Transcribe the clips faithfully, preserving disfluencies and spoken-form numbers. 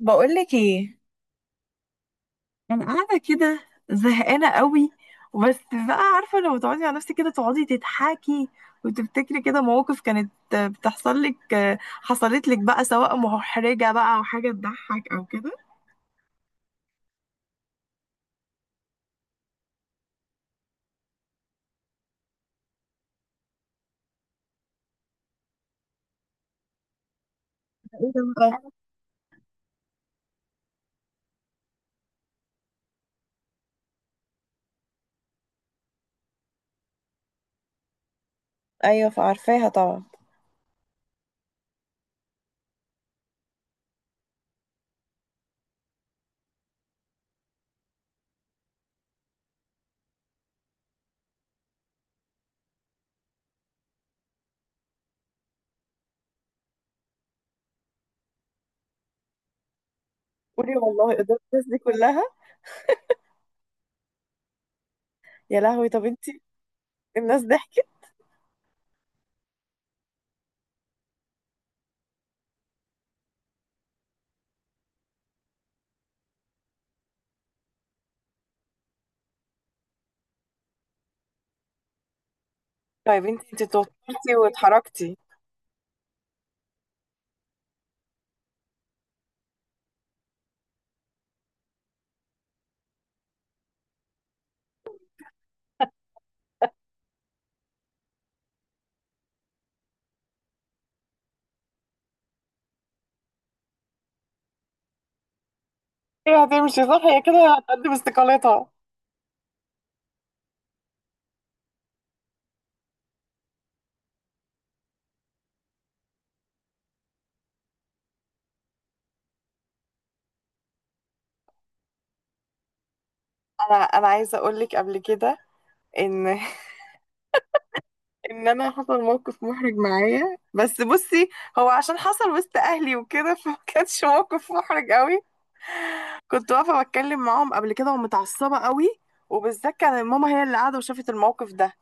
بقولك ايه؟ انا قاعده كده، زهقانه قوي. بس بقى عارفه، لو تقعدي على نفسك كده تقعدي تضحكي وتفتكري كده مواقف كانت بتحصل لك، حصلت لك بقى، سواء محرجه بقى او حاجه تضحك او كده. ايه ده بقى؟ ايوه، فعارفاها طبعا. قولي والله، قدام الناس دي كلها؟ يا لهوي، طب انتي. الناس ضحكت؟ طيب انت انت توترتي واتحركتي؟ هي هتمشي، صح، هي كده هتقدم استقالتها. انا انا عايزه اقول لك قبل كده ان ان انا حصل موقف محرج معايا، بس بصي. هو عشان حصل وسط اهلي وكده فما كانش موقف محرج قوي. كنت واقفه بتكلم معاهم قبل كده، ومتعصبه قوي. وبالذات كان ماما هي اللي قاعده وشافت الموقف ده.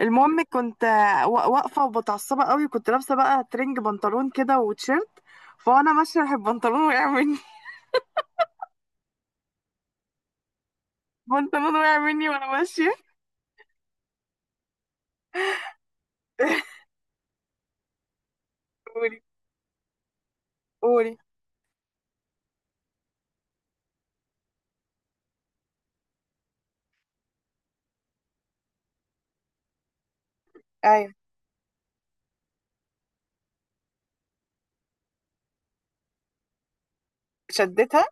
المهم كنت آه، وا- واقفه ومتعصبه قوي، وكنت لابسه بقى ترنج، بنطلون كده وتيشيرت. فانا ماشيه، راح البنطلون وقع مني. البنطلون وقع مني وانا ماشيه. قولي، قولي. ايوه، شدتها.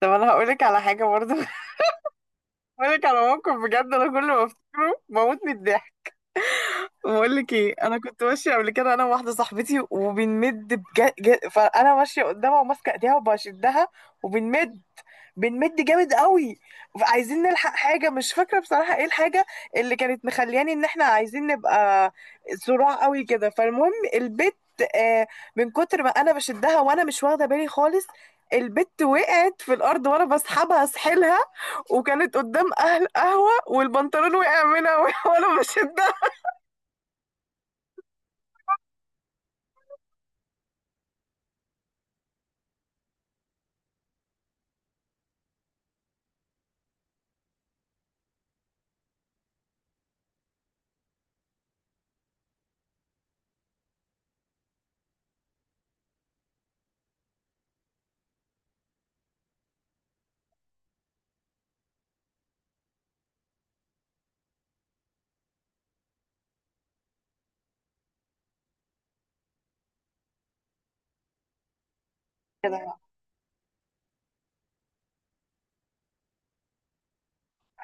طب انا هقولك على حاجه برضه. بقولك على موقف، بجد انا كل ما افتكره بموت من الضحك. بقول لك ايه، انا كنت ماشيه قبل كده انا وواحده صاحبتي وبنمد بجد ج... فانا ماشيه قدامها وماسكه ايديها وبشدها. وبنمد، بنمد جامد قوي. عايزين نلحق حاجه، مش فاكره بصراحه ايه الحاجه اللي كانت مخلياني ان احنا عايزين نبقى صراع قوي كده. فالمهم البت، آه من كتر ما انا بشدها وانا مش واخده بالي خالص، البت وقعت في الارض وانا بسحبها اسحلها. وكانت قدام اهل قهوه والبنطلون وقع منها وانا بشدها.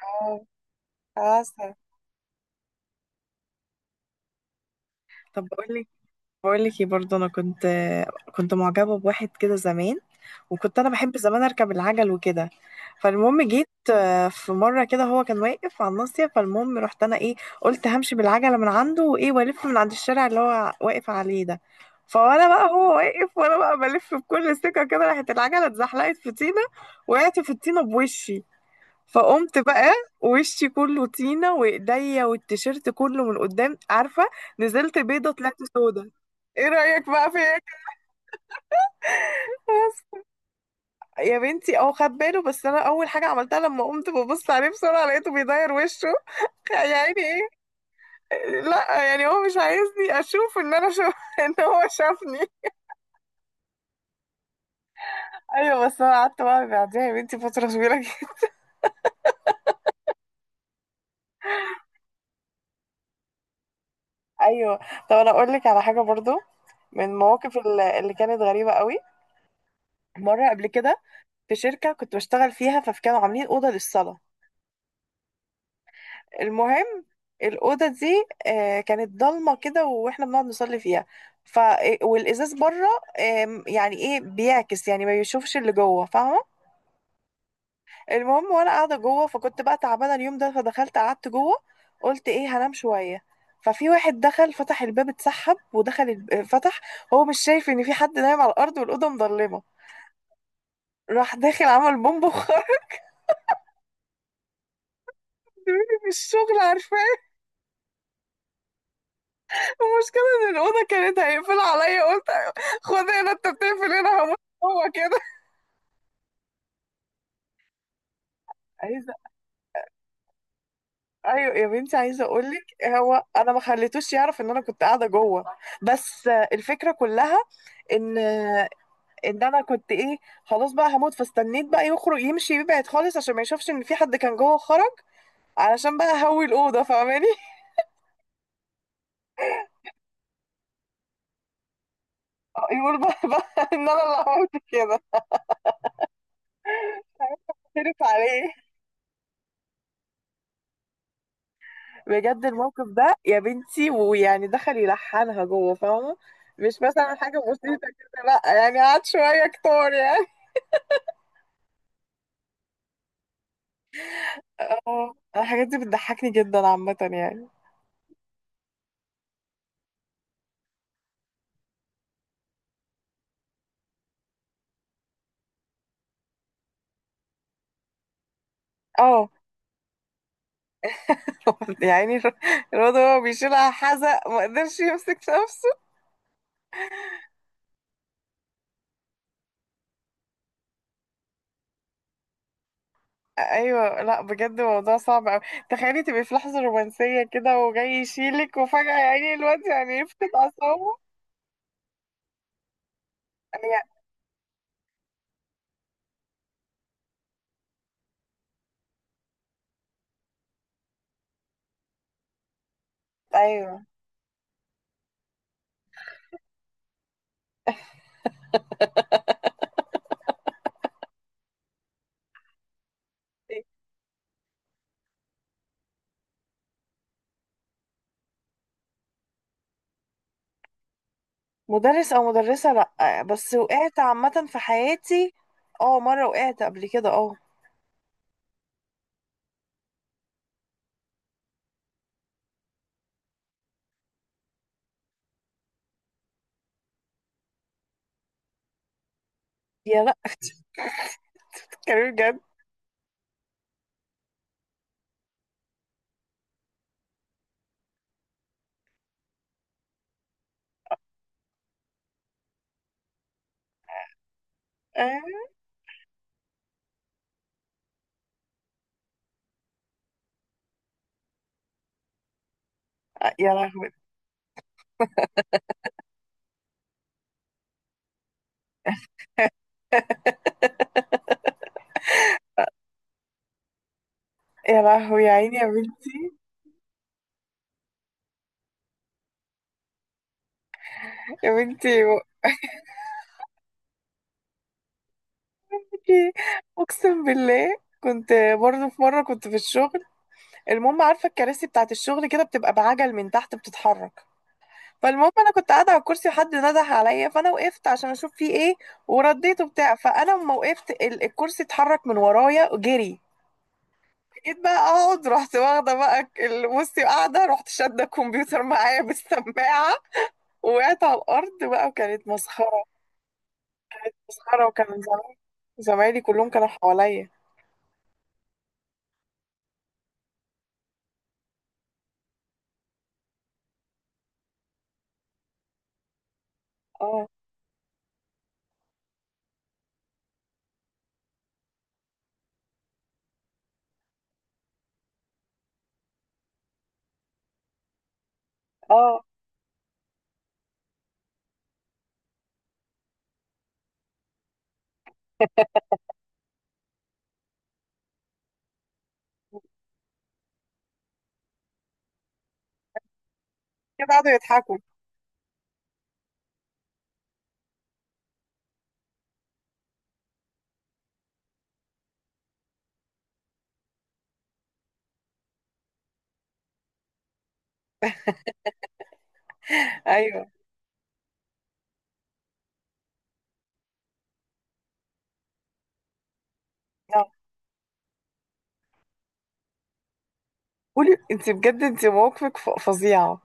اه، عسل. طب بقول لك بقول لك ايه برضه، انا كنت كنت معجبه بواحد كده زمان. وكنت انا بحب زمان اركب العجل وكده. فالمهم جيت، آه، في مره كده هو كان واقف على الناصيه. فالمهم رحت انا ايه، قلت همشي بالعجله من عنده وايه، والف من عند الشارع اللي هو واقف عليه ده. فانا بقى، هو واقف وانا بقى بلف بكل ثقه كده، راحت العجله اتزحلقت في طينه. وقعت في الطينه بوشي. فقمت بقى وشي كله طينة، وايديا والتيشيرت كله من قدام، عارفة؟ نزلت بيضة طلعت سودا. ايه رأيك بقى فيا؟ يا بنتي اه، خد باله. بس انا اول حاجة عملتها لما قمت ببص عليه بسرعة لقيته بيداير وشه. يا عيني، ايه؟ لا، يعني هو مش عايزني اشوف ان انا شوف ان هو شافني. ايوه، بس انا قعدت بقى بعديها يا بنتي فترة طويلة جدا. ايوه. طب انا اقول لك على حاجة برضو. من المواقف اللي اللي كانت غريبة قوي، مرة قبل كده في شركة كنت بشتغل فيها، فكانوا عاملين أوضة للصلاة. المهم، الأوضة دي، آه، كانت ضلمة كده وإحنا بنقعد نصلي فيها. ف آه، والإزاز بره، آم، يعني إيه بيعكس، يعني ما بيشوفش اللي جوه، فاهمة؟ المهم وأنا قاعدة جوه، فكنت بقى تعبانة اليوم ده، فدخلت قعدت جوه. قلت إيه، هنام شوية. ففي واحد دخل فتح الباب، اتسحب ودخل الب- فتح. هو مش شايف إن في حد نايم على الأرض والأوضة مظلمة. راح داخل عمل بومب وخرج مني، من الشغل، عارفة؟ المشكلة إن الأوضة كانت هيقفل عليا، قلت، خد هنا، أنت بتقفل هنا هموت. هو كده. عايزة. أيوة يا بنتي، عايزة أقولك، هو أنا ما خليتوش يعرف إن أنا كنت قاعدة جوه. بس الفكرة كلها، إن إن أنا كنت إيه، خلاص بقى هموت. فاستنيت بقى يخرج يمشي يبعد خالص عشان ما يشوفش إن في حد كان جوه، خرج. علشان بقى هوي الأوضة، فاهماني؟ يقول بقى, بقى إن أنا اللي عملت كده. خرف عليه. بجد الموقف ده يا بنتي، ويعني دخل يلحنها جوه، فاهمة؟ مش مثلا حاجة بسيطة كده، لا يعني قعد شوية كتار يعني. اه، الحاجات دي بتضحكني جدا عامة يعني. اه. يعني الر- الواد هو بيشيلها، حزق ما قدرش يمسك نفسه. ايوه، لا بجد الموضوع صعب اوي. تخيلي تبقي في لحظة رومانسية كده وجاي يشيلك وفجأة يعني الواد يعني يفقد أعصابه. أي- ايوه. مدرس او مدرسة؟ لا، بس وقعت عامة في حياتي. اه، مرة وقعت قبل كده، اه. يا لا. كريم جد. آه. يا لهوي. يا لهوي، يا عيني يا بنتي. يا بنتي، بقولكي، اقسم بالله كنت، برضه في مرة كنت في الشغل. المهم، عارفة الكراسي بتاعت الشغل كده بتبقى بعجل من تحت بتتحرك. فالمهم انا كنت قاعدة على الكرسي، وحد ندح عليا، فانا وقفت عشان اشوف فيه ايه. ورديته بتاع. فانا لما وقفت ال- الكرسي اتحرك من ورايا جري. جيت بقى اقعد، رحت واخده بقى ال- بصي، قاعده، رحت شاده الكمبيوتر معايا بالسماعه. وقعت على الارض بقى، وكانت مسخره. مسخره، وكان زمايلي، زمايلي كلهم كانوا حواليا. اه، اه. كده قعدوا يضحكوا. ايوه. آه. قولي، انت بجد انت مواقفك ف- فظيعه.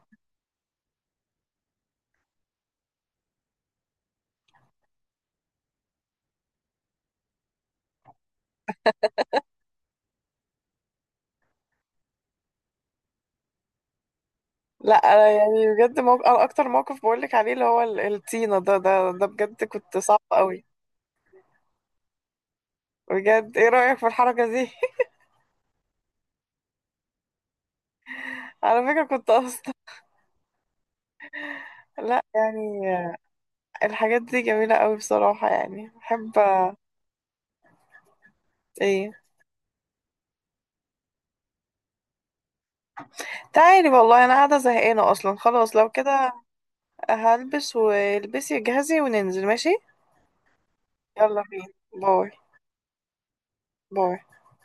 لا انا يعني بجد موق... أنا اكتر موقف بقول لك عليه اللي هو ال- الطينه ده، ده ده بجد كنت صعب قوي. بجد، ايه رايك في الحركه دي؟ على فكره كنت اصلا، لا يعني، الحاجات دي جميلة قوي بصراحة، يعني بحب. ايه. تعالي والله، انا قاعدة زهقانة اصلا خلاص، لو كده. هلبس، والبسي جهزي وننزل، ماشي. يلا بينا. باي. باي.